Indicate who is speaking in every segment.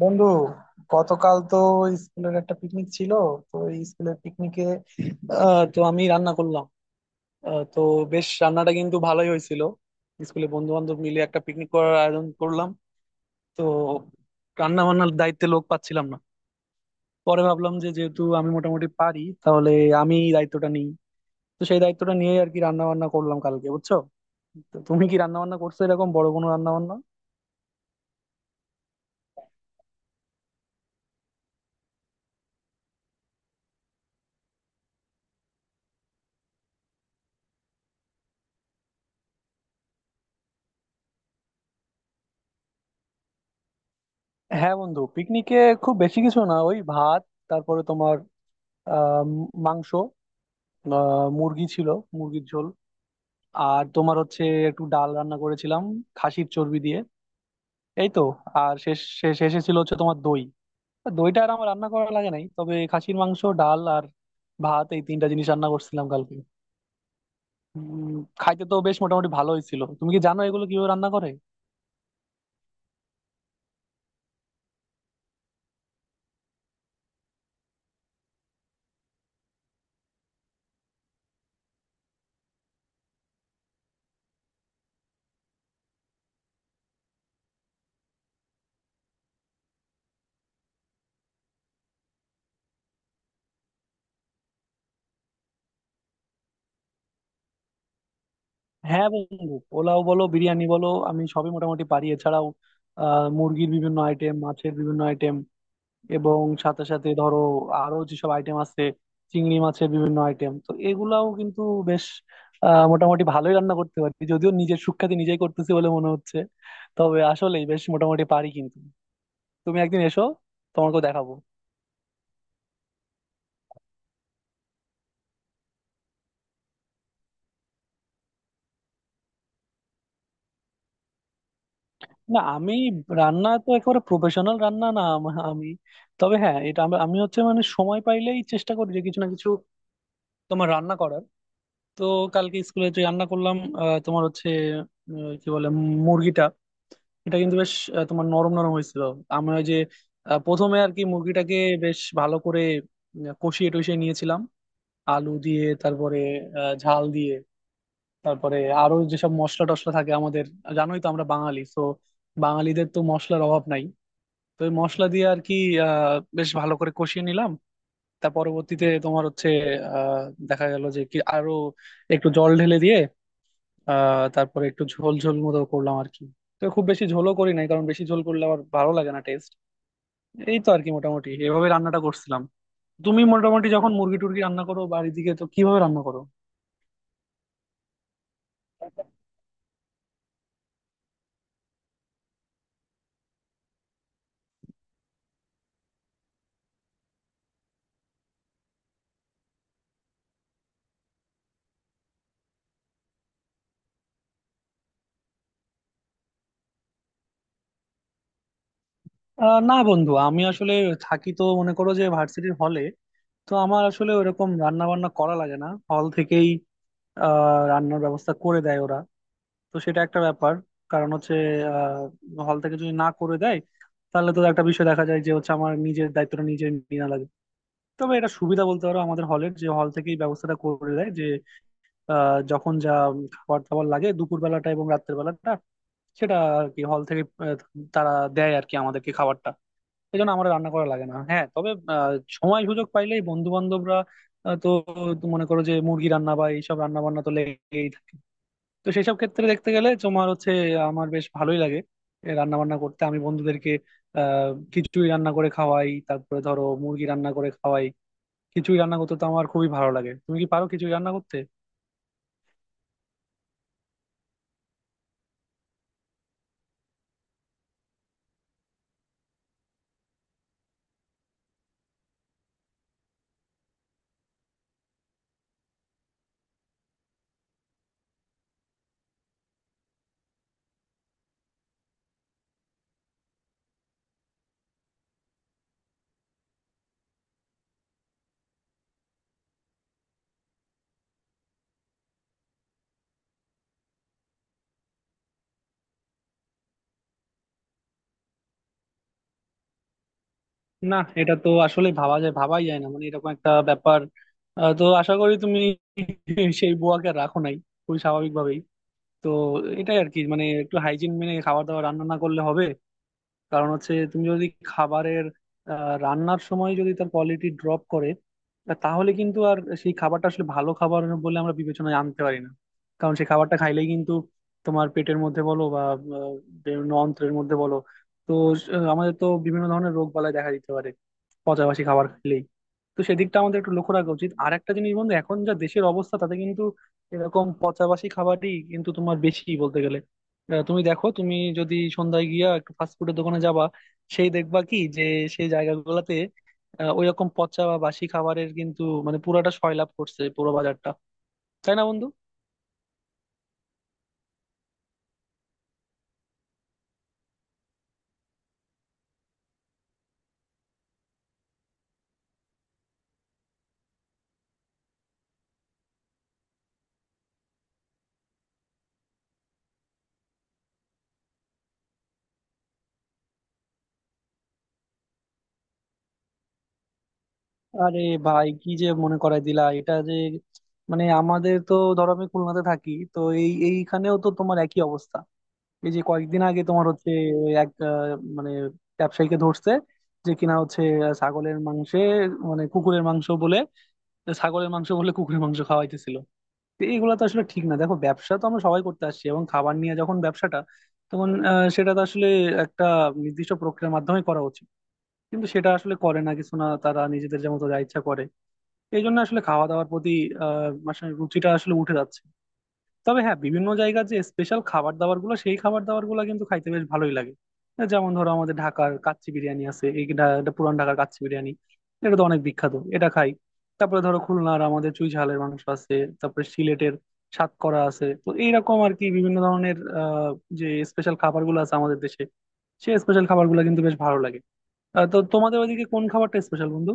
Speaker 1: বন্ধু, গতকাল তো স্কুলের একটা পিকনিক ছিল। তো এই স্কুলের পিকনিকে তো আমি রান্না করলাম। তো বেশ রান্নাটা কিন্তু ভালোই হয়েছিল। স্কুলে বন্ধু বান্ধব মিলে একটা পিকনিক করার আয়োজন করলাম। তো রান্না বান্নার দায়িত্বে লোক পাচ্ছিলাম না। পরে ভাবলাম যে যেহেতু আমি মোটামুটি পারি, তাহলে আমি দায়িত্বটা নিই। তো সেই দায়িত্বটা নিয়েই আর কি রান্না বান্না করলাম কালকে, বুঝছো। তো তুমি কি রান্না বান্না করছো এরকম বড় কোনো রান্না বান্না? হ্যাঁ বন্ধু, পিকনিকে খুব বেশি কিছু না, ওই ভাত, আহ মাংস, মুরগি ছিল, মুরগির ঝোল। আর তোমার হচ্ছে একটু ডাল রান্না করেছিলাম খাসির চর্বি দিয়ে। এই তো। আর শেষ শেষ শেষে ছিল হচ্ছে তোমার দই। দইটা আর আমার রান্না করা লাগে নাই, তবে খাসির মাংস, ডাল আর ভাত, এই তিনটা জিনিস রান্না করছিলাম কালকে। উম, খাইতে তো বেশ মোটামুটি ভালোই ছিল। তুমি কি জানো এগুলো কিভাবে রান্না করে? হ্যাঁ বন্ধু, পোলাও বলো বিরিয়ানি বলো আমি সবই মোটামুটি পারি। এছাড়াও মুরগির বিভিন্ন আইটেম, মাছের বিভিন্ন আইটেম, এবং সাথে সাথে ধরো আরো যেসব আইটেম আছে, চিংড়ি মাছের বিভিন্ন আইটেম, তো এগুলাও কিন্তু বেশ মোটামুটি ভালোই রান্না করতে পারি। যদিও নিজের সুখ্যাতি নিজেই করতেছি বলে মনে হচ্ছে, তবে আসলেই বেশ মোটামুটি পারি। কিন্তু তুমি একদিন এসো, তোমাকেও দেখাবো। না, আমি রান্না তো একেবারে প্রফেশনাল রান্না না। আমি, তবে হ্যাঁ, এটা আমি আমি হচ্ছে মানে সময় পাইলেই চেষ্টা করি যে কিছু না কিছু তোমার রান্না করার। তো কালকে স্কুলে যে রান্না করলাম, তোমার হচ্ছে কি বলে, মুরগিটা, এটা কিন্তু বেশ তোমার নরম নরম হয়েছিল। আমি ওই যে প্রথমে আর কি মুরগিটাকে বেশ ভালো করে কষিয়ে টষিয়ে নিয়েছিলাম আলু দিয়ে। তারপরে ঝাল দিয়ে, তারপরে আরো যেসব মশলা টশলা থাকে আমাদের, জানোই তো আমরা বাঙালি তো, বাঙালিদের তো মশলার অভাব নাই। তো ওই মশলা দিয়ে আর কি বেশ ভালো করে কষিয়ে নিলাম। তার পরবর্তীতে তোমার হচ্ছে আহ দেখা গেল যে কি আরো একটু জল ঢেলে দিয়ে তারপরে একটু ঝোল ঝোল মতো করলাম আর কি। তো খুব বেশি ঝোলও করি নাই, কারণ বেশি ঝোল করলে আবার ভালো লাগে না, টেস্ট। এই তো আর কি, মোটামুটি এভাবে রান্নাটা করছিলাম। তুমি মোটামুটি যখন মুরগি টুরগি রান্না করো বাড়ির দিকে, তো কিভাবে রান্না করো? না বন্ধু, আমি আসলে থাকি তো মনে করো যে ভার্সিটির হলে। তো আমার আসলে ওরকম রান্না বান্না করা লাগে না, হল থেকেই রান্নার ব্যবস্থা করে দেয় ওরা। তো সেটা একটা ব্যাপার। কারণ হচ্ছে, হল থেকে যদি না করে দেয়, তাহলে তো একটা বিষয় দেখা যায় যে হচ্ছে আমার নিজের দায়িত্বটা নিজের নেওয়া লাগে। তবে এটা সুবিধা বলতে পারো আমাদের হলের, যে হল থেকেই ব্যবস্থাটা করে দেয় যে যখন যা খাবার দাবার লাগে, দুপুর বেলাটা এবং রাত্রের বেলাটা, সেটা আর কি হল থেকে তারা দেয় আর কি আমাদেরকে খাবারটা। এই জন্য আমাদের রান্না করা লাগে না। হ্যাঁ, তবে সময় সুযোগ পাইলেই বন্ধু বান্ধবরা, তো, তো মনে করো যে মুরগি রান্না বা এইসব রান্না বান্না তো লেগেই থাকে। তো সেসব ক্ষেত্রে দেখতে গেলে তোমার হচ্ছে আমার বেশ ভালোই লাগে রান্না বান্না করতে। আমি বন্ধুদেরকে খিচুড়ি রান্না করে খাওয়াই, তারপরে ধরো মুরগি রান্না করে খাওয়াই। খিচুড়ি রান্না করতে তো আমার খুবই ভালো লাগে। তুমি কি পারো খিচুড়ি রান্না করতে? না, এটা তো আসলে ভাবা যায়, ভাবাই যায় না, মানে এরকম একটা ব্যাপার। তো আশা করি তুমি সেই বুয়াকে আর রাখো নাই, খুবই স্বাভাবিকভাবেই। তো এটাই আর কি, মানে একটু হাইজিন মেনে খাবার দাবার রান্না না করলে হবে। কারণ হচ্ছে তুমি যদি খাবারের রান্নার সময় যদি তার কোয়ালিটি ড্রপ করে, তাহলে কিন্তু আর সেই খাবারটা আসলে ভালো খাবার বলে আমরা বিবেচনায় আনতে পারি না। কারণ সেই খাবারটা খাইলেই কিন্তু তোমার পেটের মধ্যে বলো বা বিভিন্ন অন্ত্রের মধ্যে বলো, তো আমাদের তো বিভিন্ন ধরনের রোগ বালাই দেখা দিতে পারে পচাবাসি খাবার খেলেই। তো সেদিকটা আমাদের একটু লক্ষ্য রাখা উচিত। আর একটা জিনিস বন্ধু, এখন যা দেশের অবস্থা, তাতে কিন্তু এরকম পচাবাসি খাবারই কিন্তু তোমার বেশি বলতে গেলে। তুমি দেখো, তুমি যদি সন্ধ্যায় গিয়া একটু ফাস্টফুডের দোকানে যাবা, সেই দেখবা কি যে সেই জায়গাগুলোতে ওইরকম পচা বা বাসি খাবারের কিন্তু মানে পুরাটা সয়লাব করছে পুরো বাজারটা। তাই না বন্ধু? আরে ভাই, কি যে মনে করাই দিলা এটা যে, মানে আমাদের তো, ধরো আমি খুলনাতে থাকি, তো এইখানেও তো তোমার একই অবস্থা। এই যে কয়েকদিন আগে তোমার হচ্ছে এক মানে ব্যবসায়ীকে ধরছে, যে কিনা হচ্ছে ছাগলের মাংসে মানে কুকুরের মাংস বলে, ছাগলের মাংস বলে কুকুরের মাংস খাওয়াইতেছিল। তো এইগুলো তো আসলে ঠিক না। দেখো, ব্যবসা তো আমরা সবাই করতে আসছি, এবং খাবার নিয়ে যখন ব্যবসাটা, তখন সেটা তো আসলে একটা নির্দিষ্ট প্রক্রিয়ার মাধ্যমে করা উচিত। কিন্তু সেটা আসলে করে না কিছু না, তারা নিজেদের যেমন যা ইচ্ছা করে। এই জন্য আসলে খাওয়া দাওয়ার প্রতি মানে রুচিটা আসলে উঠে যাচ্ছে। তবে হ্যাঁ, বিভিন্ন জায়গার যে স্পেশাল খাবার দাবার গুলো, সেই খাবার দাবার গুলো কিন্তু খাইতে বেশ ভালোই লাগে। যেমন ধরো আমাদের ঢাকার কাচ্চি বিরিয়ানি আছে, এইটা, এটা পুরান ঢাকার কাচ্চি বিরিয়ানি, এটা তো অনেক বিখ্যাত, এটা খাই। তারপরে ধরো খুলনার আমাদের চুই ঝালের মাংস আছে। তারপরে সিলেটের সাতকরা আছে। তো এইরকম আর কি বিভিন্ন ধরনের যে স্পেশাল খাবার গুলো আছে আমাদের দেশে, সেই স্পেশাল খাবার গুলো কিন্তু বেশ ভালো লাগে। তো তোমাদের ওইদিকে কোন খাবারটা স্পেশাল বন্ধু?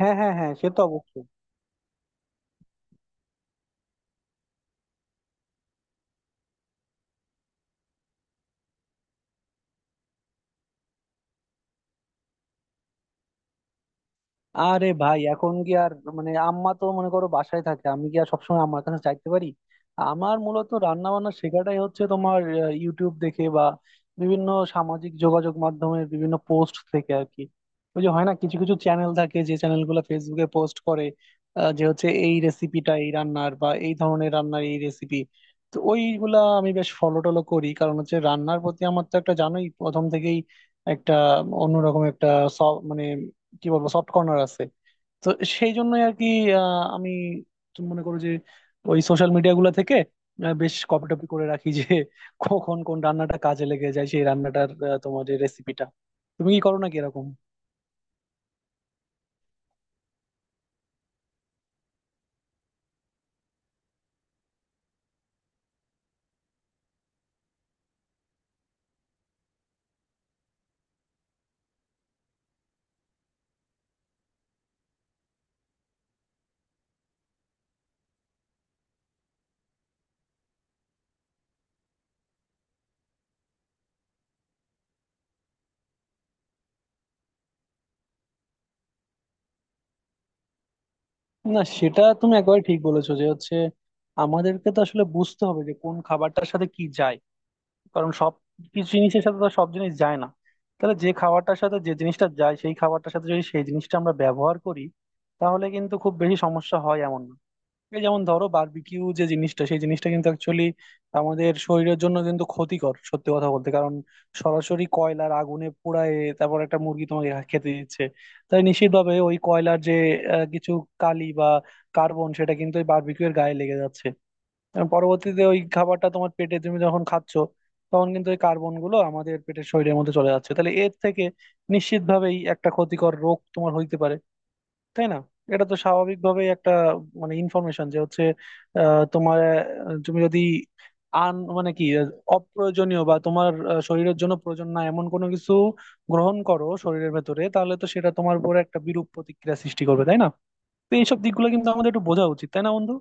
Speaker 1: হ্যাঁ, হ্যাঁ, হ্যাঁ, সে তো অবশ্যই। আরে ভাই, এখন কি আর, মানে আম্মা তো মনে করো বাসায় থাকে, আমি কি আর সবসময় আম্মার কাছে চাইতে পারি? আমার মূলত রান্না বান্না শেখাটাই হচ্ছে তোমার ইউটিউব দেখে বা বিভিন্ন সামাজিক যোগাযোগ মাধ্যমের বিভিন্ন পোস্ট থেকে আর কি। ওই যে হয় না, কিছু কিছু চ্যানেল থাকে যে চ্যানেলগুলো ফেসবুকে পোস্ট করে যে হচ্ছে এই রেসিপিটা, এই রান্নার বা এই ধরনের রান্নার এই রেসিপি। তো ওইগুলা আমি বেশ ফলো টলো করি, কারণ হচ্ছে রান্নার প্রতি আমার তো একটা, জানোই, প্রথম থেকেই একটা অন্যরকম একটা মানে কি বলবো, সফট কর্নার আছে। তো সেই জন্যই আর কি আমি, তুমি মনে করো যে ওই সোশ্যাল মিডিয়া গুলা থেকে বেশ কপি টপি করে রাখি যে কখন কোন রান্নাটা কাজে লেগে যায়, সেই রান্নাটার তোমার যে রেসিপিটা। তুমি কি করো নাকি এরকম? না, সেটা তুমি একেবারে ঠিক বলেছো যে হচ্ছে, আমাদেরকে তো আসলে বুঝতে হবে যে কোন খাবারটার সাথে কি যায়। কারণ সব কিছু জিনিসের সাথে তো সব জিনিস যায় না। তাহলে যে খাবারটার সাথে যে জিনিসটা যায়, সেই খাবারটার সাথে যদি সেই জিনিসটা আমরা ব্যবহার করি, তাহলে কিন্তু খুব বেশি সমস্যা হয় এমন না। এই যেমন ধরো, বারবিকিউ যে জিনিসটা, সেই জিনিসটা কিন্তু অ্যাকচুয়ালি আমাদের শরীরের জন্য কিন্তু ক্ষতিকর, সত্যি কথা বলতে। কারণ সরাসরি কয়লার আগুনে পোড়ায়, তারপর একটা মুরগি তোমাকে খেতে দিচ্ছে। তাই নিশ্চিতভাবে ওই কয়লার যে কিছু কালি বা কার্বন সেটা কিন্তু ওই বারবিকিউ এর গায়ে লেগে যাচ্ছে। এবং পরবর্তীতে ওই খাবারটা তোমার পেটে তুমি যখন খাচ্ছ, তখন কিন্তু ওই কার্বন গুলো আমাদের পেটের শরীরের মধ্যে চলে যাচ্ছে। তাহলে এর থেকে নিশ্চিতভাবেই একটা ক্ষতিকর রোগ তোমার হইতে পারে, তাই না? এটা তো স্বাভাবিকভাবেই একটা, মানে ইনফরমেশন যে হচ্ছে তোমার, তুমি যদি আন মানে কি অপ্রয়োজনীয় বা তোমার শরীরের জন্য প্রয়োজন না এমন কোনো কিছু গ্রহণ করো শরীরের ভেতরে, তাহলে তো সেটা তোমার উপরে একটা বিরূপ প্রতিক্রিয়া সৃষ্টি করবে, তাই না? তো এইসব দিকগুলো কিন্তু আমাদের একটু বোঝা উচিত, তাই না বন্ধু?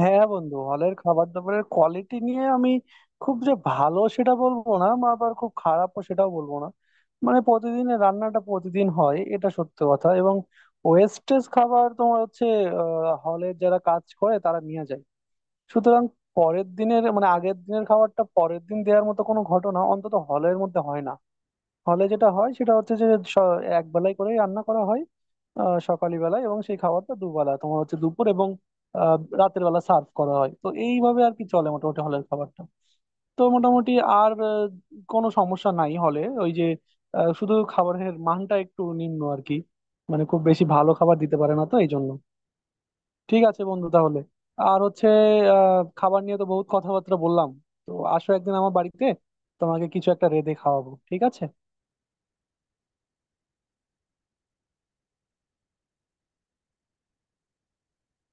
Speaker 1: হ্যাঁ বন্ধু, হলের খাবার দাবারের কোয়ালিটি নিয়ে আমি খুব যে ভালো সেটা বলবো না, বা আবার খুব খারাপও সেটাও বলবো না। মানে প্রতিদিনের রান্নাটা প্রতিদিন হয়, এটা সত্য কথা। এবং ওয়েস্টেজ খাবার তোমার হচ্ছে হলের যারা কাজ করে তারা নিয়ে যায়। সুতরাং পরের দিনের মানে আগের দিনের খাবারটা পরের দিন দেওয়ার মতো কোনো ঘটনা অন্তত হলের মধ্যে হয় না। হলে যেটা হয় সেটা হচ্ছে যে স- এক বেলায় করেই রান্না করা হয় সকালে বেলায়, এবং সেই খাবারটা দুবেলা তোমার হচ্ছে দুপুর এবং আহ, রাতের বেলা সার্ভ করা হয়। তো এইভাবে আর কি চলে মোটামুটি হলের খাবারটা। তো মোটামুটি আর কোনো সমস্যা নাই হলে, ওই যে শুধু খাবারের মানটা একটু নিম্ন আর কি, মানে খুব বেশি ভালো খাবার দিতে পারে না। তো এই জন্য, ঠিক আছে বন্ধু, তাহলে আর হচ্ছে খাবার নিয়ে তো বহুত কথাবার্তা বললাম। তো আসো একদিন আমার বাড়িতে, তোমাকে কিছু একটা রেঁধে খাওয়াবো, ঠিক আছে?